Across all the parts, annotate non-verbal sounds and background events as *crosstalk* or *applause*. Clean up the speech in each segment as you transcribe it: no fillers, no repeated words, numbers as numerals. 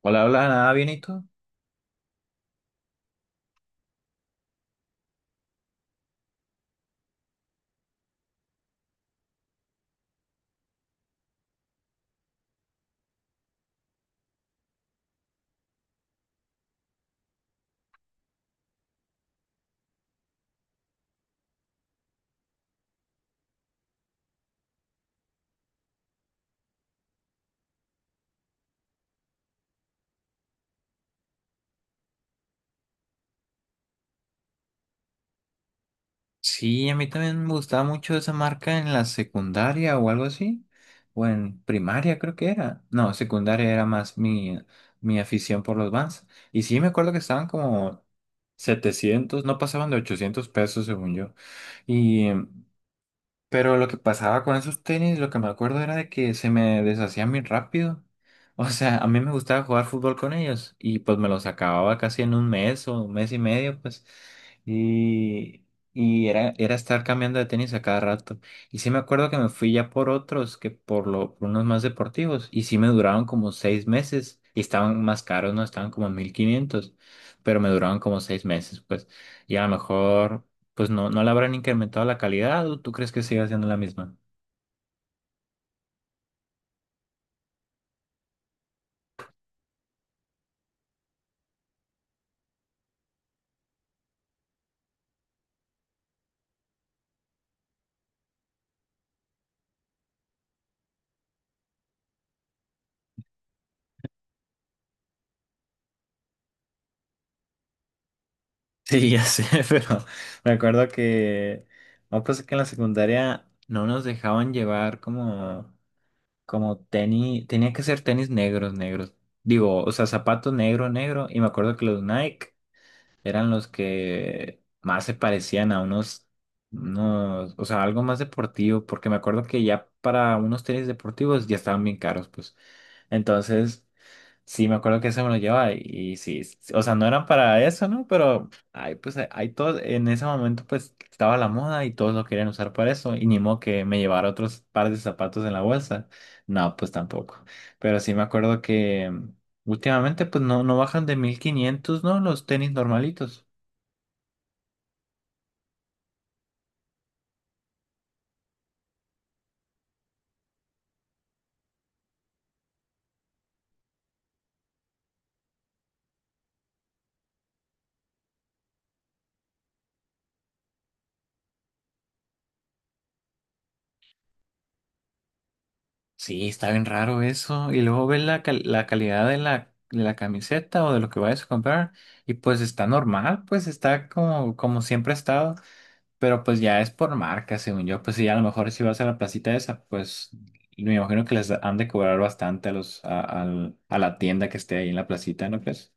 Hola, hola, nada bien, ¿y tú? Sí, a mí también me gustaba mucho esa marca en la secundaria o algo así, o en primaria creo que era. No, secundaria era más mi afición por los Vans. Y sí, me acuerdo que estaban como 700, no pasaban de 800 pesos según yo. Y Pero lo que pasaba con esos tenis, lo que me acuerdo era de que se me deshacían muy rápido. *laughs* O sea, a mí me gustaba jugar fútbol con ellos y pues me los acababa casi en un mes o un mes y medio, pues. Y, y era estar cambiando de tenis a cada rato. Y sí me acuerdo que me fui ya por otros, por unos más deportivos. Y sí me duraron como 6 meses y estaban más caros, ¿no? Estaban como 1,500, pero me duraron como seis meses, pues. Y a lo mejor pues no, no le habrán incrementado la calidad, ¿o tú crees que sigue siendo la misma? Sí, ya sé, *laughs* pero me acuerdo que una cosa, que en la secundaria no nos dejaban llevar como tenis, tenía que ser tenis negros, negros. Digo, o sea, zapatos negro, negro. Y me acuerdo que los Nike eran los que más se parecían a o sea, algo más deportivo, porque me acuerdo que ya para unos tenis deportivos ya estaban bien caros, pues. Entonces. Sí, me acuerdo que ese me lo llevaba y, sí, sí, o sea, no eran para eso, ¿no? Pero ay, pues hay ahí todo, en ese momento pues estaba la moda y todos lo querían usar para eso y ni modo que me llevara otros par de zapatos en la bolsa. No, pues tampoco. Pero sí me acuerdo que últimamente pues no, no bajan de 1,500, ¿no? Los tenis normalitos. Sí, está bien raro eso. Y luego ves la calidad de la camiseta o de lo que vayas a comprar y pues está normal, pues está como, como siempre ha estado. Pero pues ya es por marca, según yo. Pues sí, a lo mejor si vas a la placita esa, pues me imagino que les han de cobrar bastante a a la tienda que esté ahí en la placita, ¿no crees?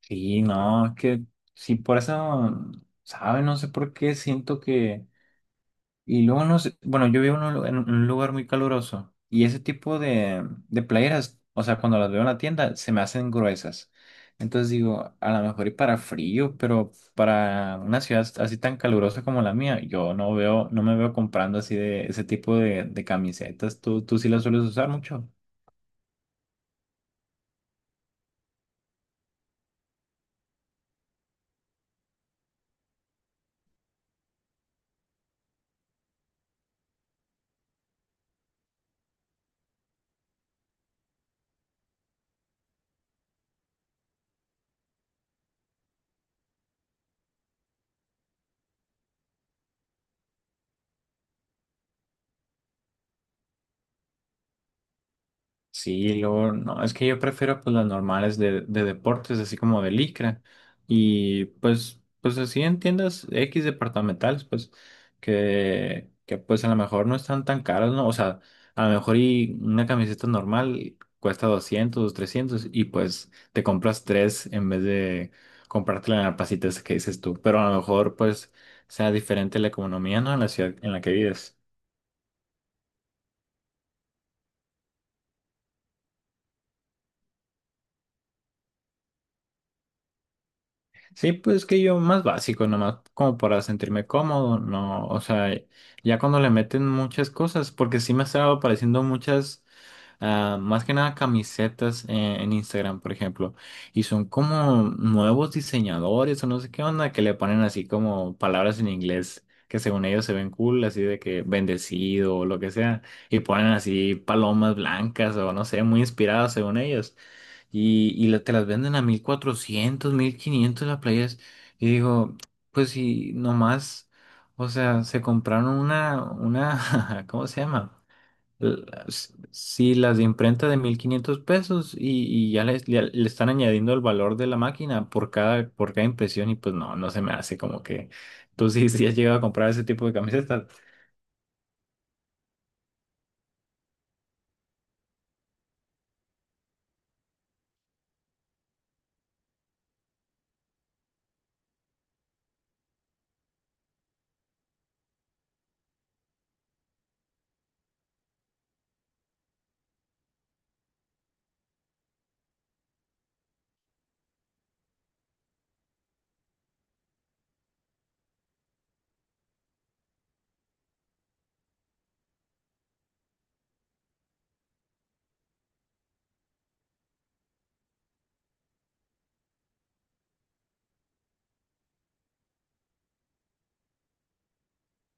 Sí, no, que sí, por eso, ¿sabe? No sé por qué siento que. Y luego no sé, bueno, yo vivo en en un lugar muy caluroso y ese tipo de playeras, o sea, cuando las veo en la tienda, se me hacen gruesas. Entonces digo, a lo mejor y para frío, pero para una ciudad así tan calurosa como la mía, yo no veo, no me veo comprando así de ese tipo de camisetas. ¿Tú sí las sueles usar mucho? Sí, luego, no, es que yo prefiero pues las normales de deportes, así como de licra. Y pues así en tiendas X departamentales, pues, que pues a lo mejor no están tan caras, ¿no? O sea, a lo mejor y una camiseta normal cuesta 200, 300 y pues te compras tres en vez de comprártela en la placita esa que dices tú. Pero a lo mejor pues sea diferente la economía, ¿no? En la ciudad en la que vives. Sí, pues que yo más básico, nomás como para sentirme cómodo, no, o sea, ya cuando le meten muchas cosas, porque sí me estaba apareciendo muchas, más que nada camisetas en Instagram, por ejemplo, y son como nuevos diseñadores o no sé qué onda, que le ponen así como palabras en inglés que según ellos se ven cool, así de que bendecido o lo que sea, y ponen así palomas blancas o no sé, muy inspiradas según ellos. Y, te las venden a 1,400 1,500 las playas. Y digo, pues si nomás, o sea, se compraron *laughs* ¿cómo se llama? Si las de imprenta de 1,500 pesos y, ya le están añadiendo el valor de la máquina por cada impresión y pues no, no se me hace como que sí has llegado a comprar ese tipo de camisetas.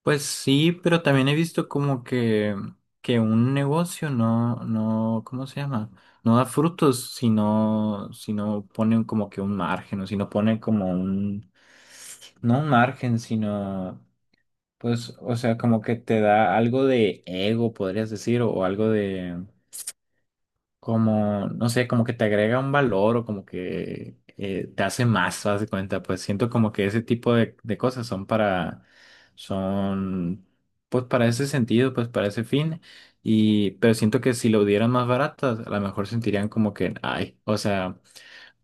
Pues sí, pero también he visto como que un negocio no, no, ¿cómo se llama? No da frutos si no, si no ponen como que un margen, o si no ponen como un, no un margen, sino, pues, o sea, como que te da algo de ego, podrías decir, o algo de, como, no sé, como que te agrega un valor o como que te hace más, haz de cuenta, pues siento como que ese tipo de cosas son para, son, pues para ese sentido, pues para ese fin, y, pero siento que si lo dieran más baratas, a lo mejor sentirían como que, ay, o sea,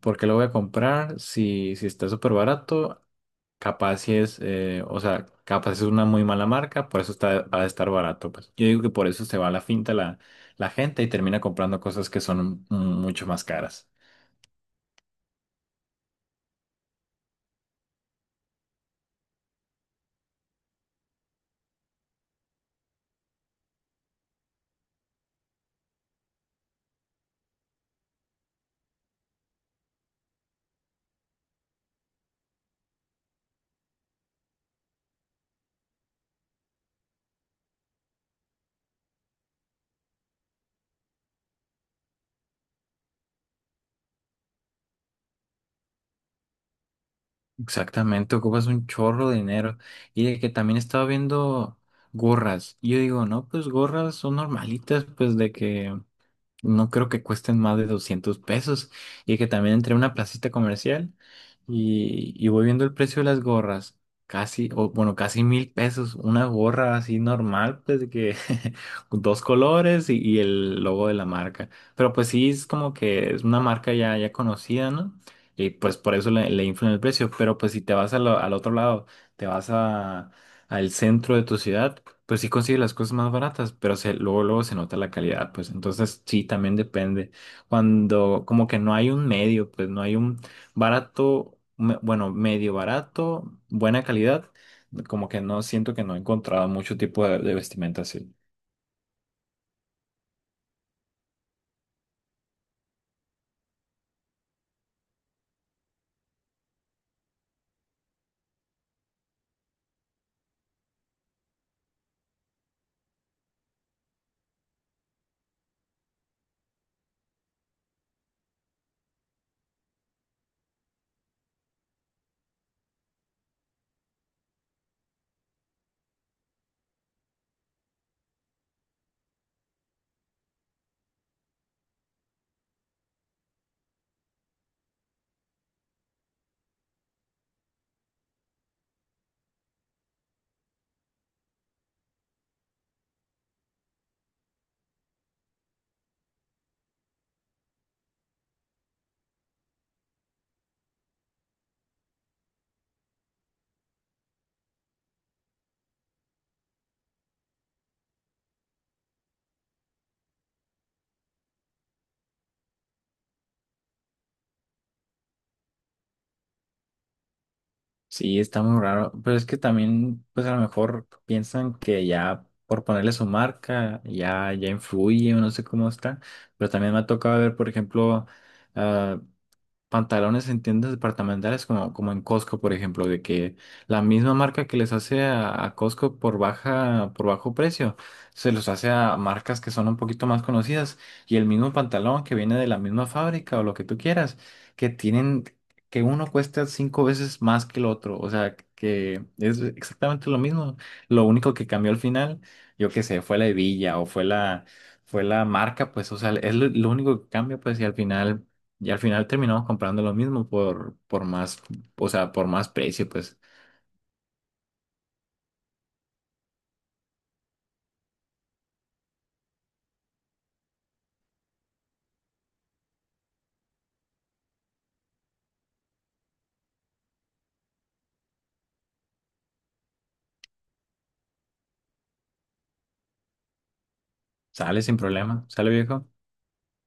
¿por qué lo voy a comprar si está súper barato? Capaz si es, o sea, capaz es una muy mala marca, por eso va a estar barato, pues. Yo digo que por eso se va a la finta la gente y termina comprando cosas que son mucho más caras. Exactamente, ocupas un chorro de dinero. Y de que también estaba viendo gorras. Y yo digo, no, pues gorras son normalitas, pues de que. No creo que cuesten más de 200 pesos. Y que también entré a una placita comercial y voy viendo el precio de las gorras. Casi, o bueno, casi 1,000 pesos. Una gorra así normal, pues de que *laughs* con dos colores y el logo de la marca. Pero pues sí, es como que es una marca ya, ya conocida, ¿no? Y pues por eso le inflan el precio. Pero pues si te vas a al otro lado, te vas a, al centro de tu ciudad, pues sí consigue las cosas más baratas, pero se, luego, luego se nota la calidad, pues entonces sí, también depende. Cuando como que no hay un medio, pues no hay un barato, bueno, medio barato, buena calidad, como que no siento que no he encontrado mucho tipo de vestimenta así. Sí, está muy raro, pero es que también, pues a lo mejor piensan que ya por ponerle su marca, ya influye o no sé cómo está, pero también me ha tocado ver, por ejemplo, ah, pantalones en tiendas departamentales como en Costco, por ejemplo, de que la misma marca que les hace a Costco por bajo precio, se los hace a marcas que son un poquito más conocidas y el mismo pantalón que viene de la misma fábrica o lo que tú quieras, que tienen, que uno cuesta cinco veces más que el otro, o sea, que es exactamente lo mismo, lo único que cambió al final, yo qué sé, fue la hebilla o fue la... Fue la marca, pues, o sea, es lo único que cambia, pues, y al final terminamos comprando lo mismo por más, o sea, por más precio, pues sale sin problema, sale viejo.